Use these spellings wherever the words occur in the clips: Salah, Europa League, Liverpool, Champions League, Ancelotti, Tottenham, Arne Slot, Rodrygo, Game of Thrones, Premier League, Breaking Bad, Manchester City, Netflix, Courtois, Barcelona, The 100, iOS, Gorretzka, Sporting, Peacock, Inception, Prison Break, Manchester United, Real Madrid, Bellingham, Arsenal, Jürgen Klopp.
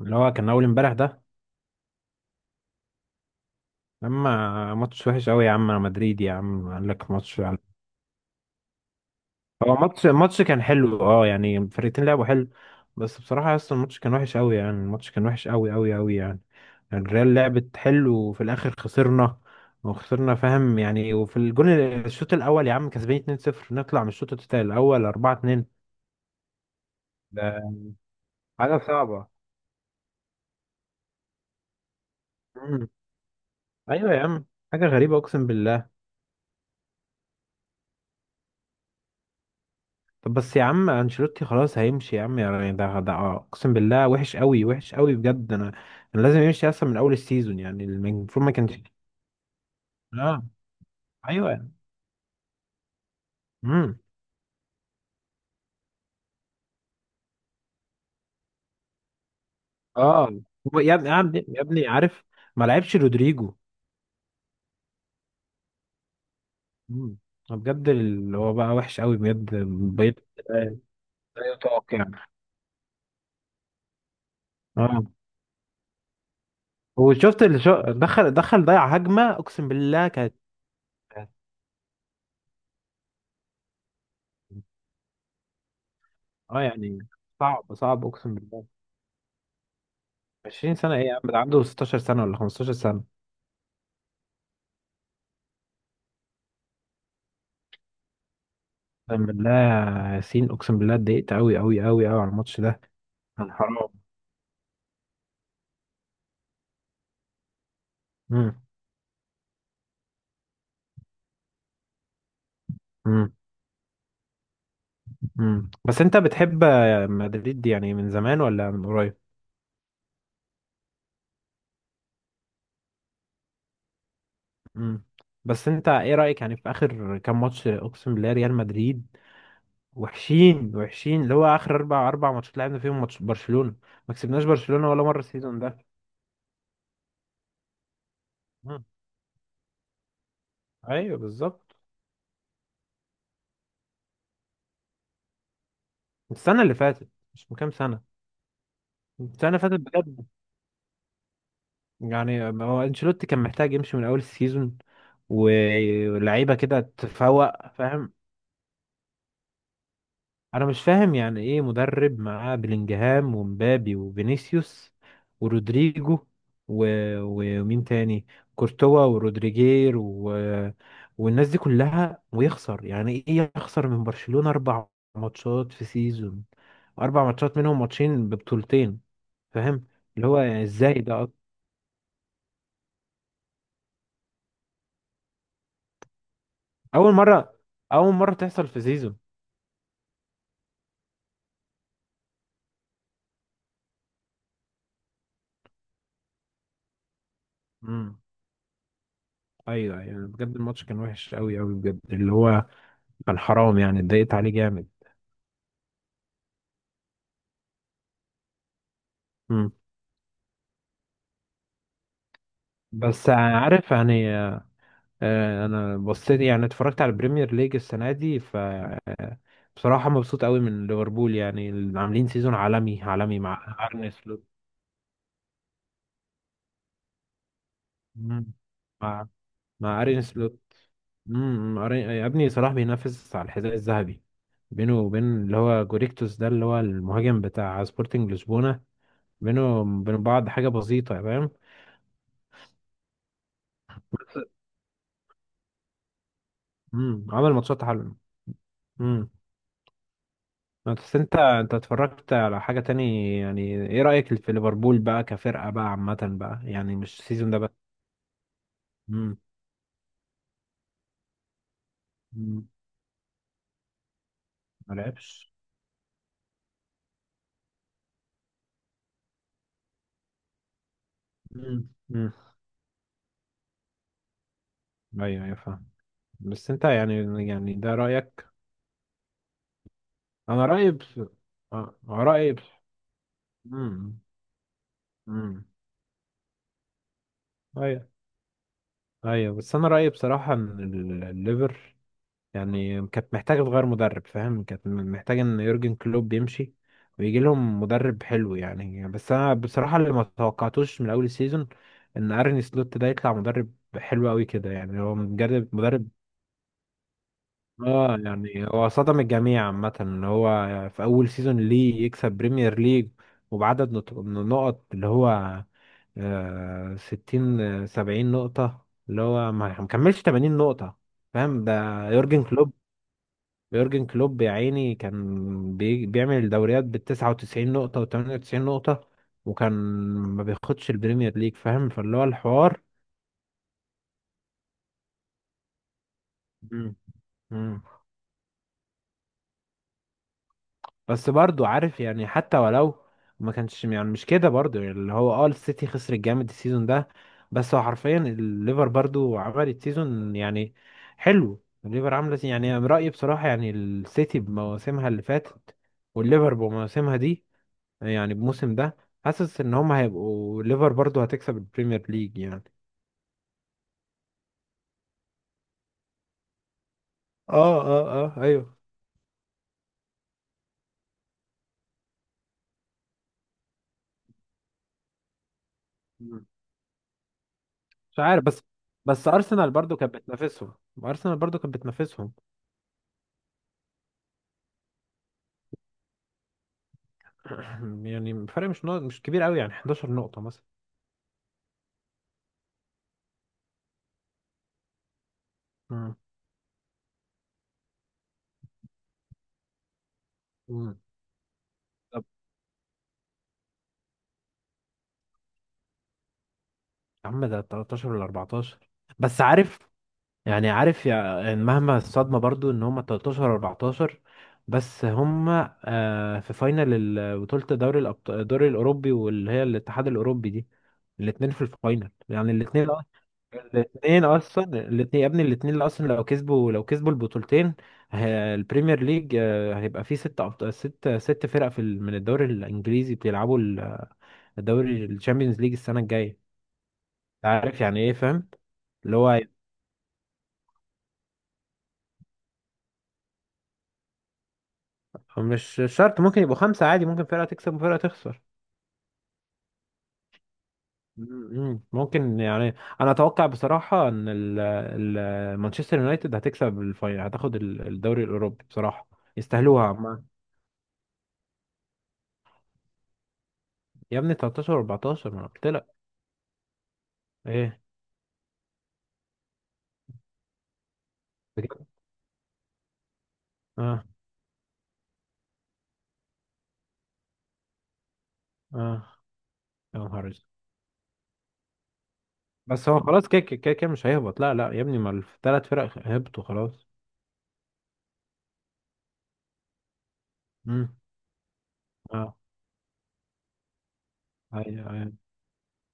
اللي هو كان اول امبارح ده. اما ماتش وحش قوي يا عم، انا مدريد يا عم، قال لك ماتش هو. ماتش كان حلو، اه يعني الفرقتين لعبوا حلو. بس بصراحة اصلا الماتش كان وحش قوي، يعني الماتش كان وحش قوي قوي قوي يعني. الريال لعبت حلو وفي الاخر خسرنا وخسرنا فاهم يعني. وفي الجون الشوط الاول يا عم كسبانين 2-0، نطلع من الشوط التاني الاول 4-2. ده حاجة صعبة. مم. ايوه يا عم، حاجة غريبة اقسم بالله. طب بس يا عم انشيلوتي خلاص هيمشي يا عم يعني، ده اقسم بالله وحش قوي وحش قوي بجد. انا لازم يمشي اصلا من اول السيزون يعني، المفروض ما كانش. اه. ايوه. امم. اه. هو يا ابني يا ابني يا ابني عارف، ما لعبش رودريجو. امم. بجد اللي هو بقى وحش قوي بجد. بيت لا يطاق يعني. اه، وشفت اللي دخل، دخل ضيع هجمة اقسم بالله كانت. كانت- اه يعني صعب صعب اقسم بالله. 20 سنة ايه يا عم؟ ده عنده 16 سنة ولا 15 سنة. اقسم بالله يا ياسين، اقسم بالله اتضايقت قوي قوي قوي قوي على الماتش ده. كان حرام. امم. امم. بس انت بتحب مدريد يعني من زمان ولا من قريب؟ امم. بس انت ايه رايك يعني في اخر كام ماتش؟ اقسم بالله ريال مدريد وحشين وحشين، اللي هو اخر اربع ماتشات لعبنا فيهم ماتش برشلونه، ما كسبناش برشلونه ولا مره السيزون ده. امم. ايوه بالظبط. السنه اللي فاتت، مش من كام سنه، السنه اللي فاتت بجد. يعني هو انشيلوتي كان محتاج يمشي من اول السيزون ولعيبه كده تفوق فاهم. انا مش فاهم، يعني ايه مدرب معاه بلينجهام ومبابي وفينيسيوس ورودريجو و ومين تاني، كورتوا ورودريجير و والناس دي كلها ويخسر، يعني ايه يخسر من برشلونة اربع ماتشات في سيزون، اربع ماتشات منهم ماتشين ببطولتين؟ فاهم. اللي هو يعني ازاي ده اول مرة، اول مرة تحصل في سيزون. امم. ايوه ايوه بجد الماتش كان وحش قوي قوي بجد، اللي هو كان حرام يعني، اتضايقت عليه جامد. امم. بس عارف يعني، انا بصيت يعني، اتفرجت على البريمير ليج السنه دي ف بصراحه مبسوط قوي من ليفربول، يعني اللي عاملين سيزون عالمي عالمي مع ارني سلوت. مم. مع مع ارني سلوت. امم. يا ابني صلاح بينافس على الحذاء الذهبي، بينه وبين اللي هو جوريكتوس ده اللي هو المهاجم بتاع سبورتنج لشبونه. بينه وبين بعض حاجه بسيطه فاهم. امم، عمل ماتشات حلوة. امم. بس انت اتفرجت على حاجة تاني؟ يعني ايه رأيك في ليفربول بقى كفرقة بقى عامة بقى، يعني مش السيزون ده بس؟ امم. امم. ما لعبش. امم. امم. ايوه ايوه فاهم. بس انت يعني، يعني ده رأيك. انا رأيي بس. اه، رأيي بس. امم. امم. ايوه ايوه. بس انا رأيي بصراحة ان الليفر يعني كانت محتاجة تغير مدرب، فاهم؟ كانت محتاجة ان يورجن كلوب يمشي ويجي لهم مدرب حلو يعني. بس انا بصراحة اللي ما توقعتوش من اول السيزون ان ارني سلوت ده يطلع مدرب حلو قوي كده يعني، هو مدرب. اه يعني هو صدم الجميع عامة، ان هو في اول سيزون ليه يكسب بريمير ليج وبعدد نقط، اللي هو ستين سبعين نقطة، اللي هو ما مكملش تمانين نقطة فاهم ده. يورجن كلوب، يورجن كلوب يا عيني كان بيعمل الدوريات بال 99 نقطة و 98 نقطة، وكان ما بياخدش البريمير ليج فاهم، فاللي هو الحوار. مم. مم. بس برضو عارف يعني، حتى ولو ما كانش، يعني مش كده برضو يعني، اللي هو اه السيتي خسر الجامد السيزون ده، بس هو حرفيا الليفر برضو عملت سيزون يعني حلو. الليفر عاملة يعني أنا رأيي بصراحة، يعني السيتي بمواسمها اللي فاتت والليفر بمواسمها دي، يعني الموسم ده حاسس ان هم هيبقوا ليفر برضو هتكسب البريمير ليج يعني. اه اه. اه ايوه. مم. مش عارف بس. بس ارسنال برضو كانت بتنافسهم، ارسنال برضو كانت بتنافسهم. يعني الفرق مش نقط مش كبير قوي يعني، 11 نقطة مثلا. مم. مم. طب يا عم ده 13 ولا 14؟ بس عارف يعني، عارف يعني مهما الصدمة برضو ان هم 13 14، بس هم في فاينل بطولة دوري الأبطال، الدوري الأوروبي، واللي هي الاتحاد الأوروبي دي. الاتنين في الفاينل يعني، الاتنين أصلا، الاتنين أصلا، الاتنين يا ابني الاتنين، اللي أصلا لو كسبوا، لو كسبوا البطولتين، البريمير ليج هيبقى فيه ست ست فرق في من الدوري الإنجليزي بيلعبوا الدوري الشامبيونز ليج السنة الجاية. عارف يعني إيه، فاهم؟ اللي هو مش شرط، ممكن يبقوا خمسة عادي، ممكن فرقة تكسب وفرقة تخسر. مم. ممكن يعني. انا اتوقع بصراحة ان مانشستر يونايتد هتكسب الفاينل، هتاخد الدوري الاوروبي بصراحة. يستاهلوها عم. يا ابني 13 و14، ما أنا قلت لك. ايه بجد. اه. اه. يا نهار أسود. بس هو خلاص كده كده كده مش هيهبط، لا لا يا ابني، ما الثلاث فرق هبطوا خلاص. امم. اه. ايوه أيوه.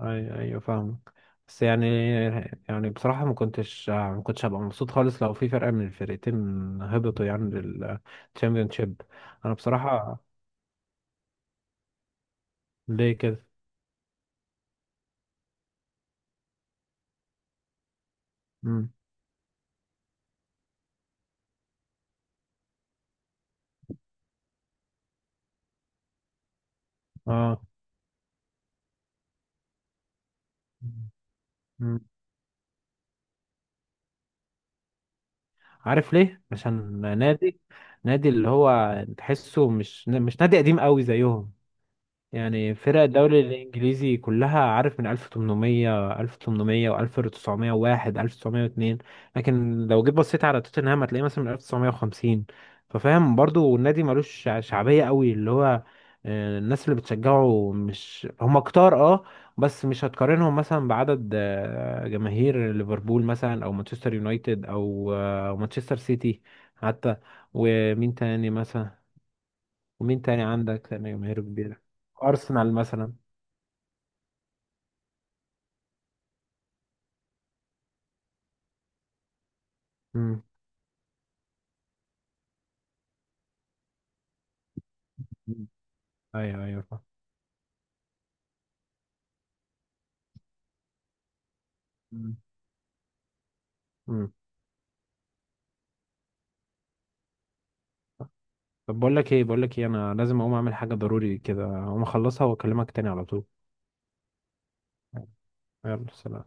ايوه ايوه فاهمك. بس يعني، يعني بصراحة ما كنتش هبقى مبسوط خالص لو في فرقة من الفرقتين هبطوا يعني للتشامبيونشيب. انا بصراحة، ليه كده؟ امم. اه. مم. عارف ليه؟ عشان نادي، اللي هو تحسه مش مش نادي قديم قوي زيهم. يعني فرق الدوري الإنجليزي كلها عارف من 1800 1800 و1901 1902، لكن لو جيت بصيت على توتنهام هتلاقيه مثلا من 1950، ففاهم برضو النادي ملوش شعبية قوي، اللي هو الناس اللي بتشجعه مش هم كتار. اه. بس مش هتقارنهم مثلا بعدد جماهير ليفربول مثلا، او مانشستر يونايتد، او مانشستر سيتي حتى. ومين تاني مثلا؟ ومين تاني عندك تاني جماهير كبيرة؟ أرسنال مثلا. امم. أيوه أيوه فاهم. مم. امم. طب بقول لك إيه، بقول لك إيه، أنا لازم أقوم أعمل حاجة ضروري كده، أقوم أخلصها وأكلمك تاني على طول. يلا سلام.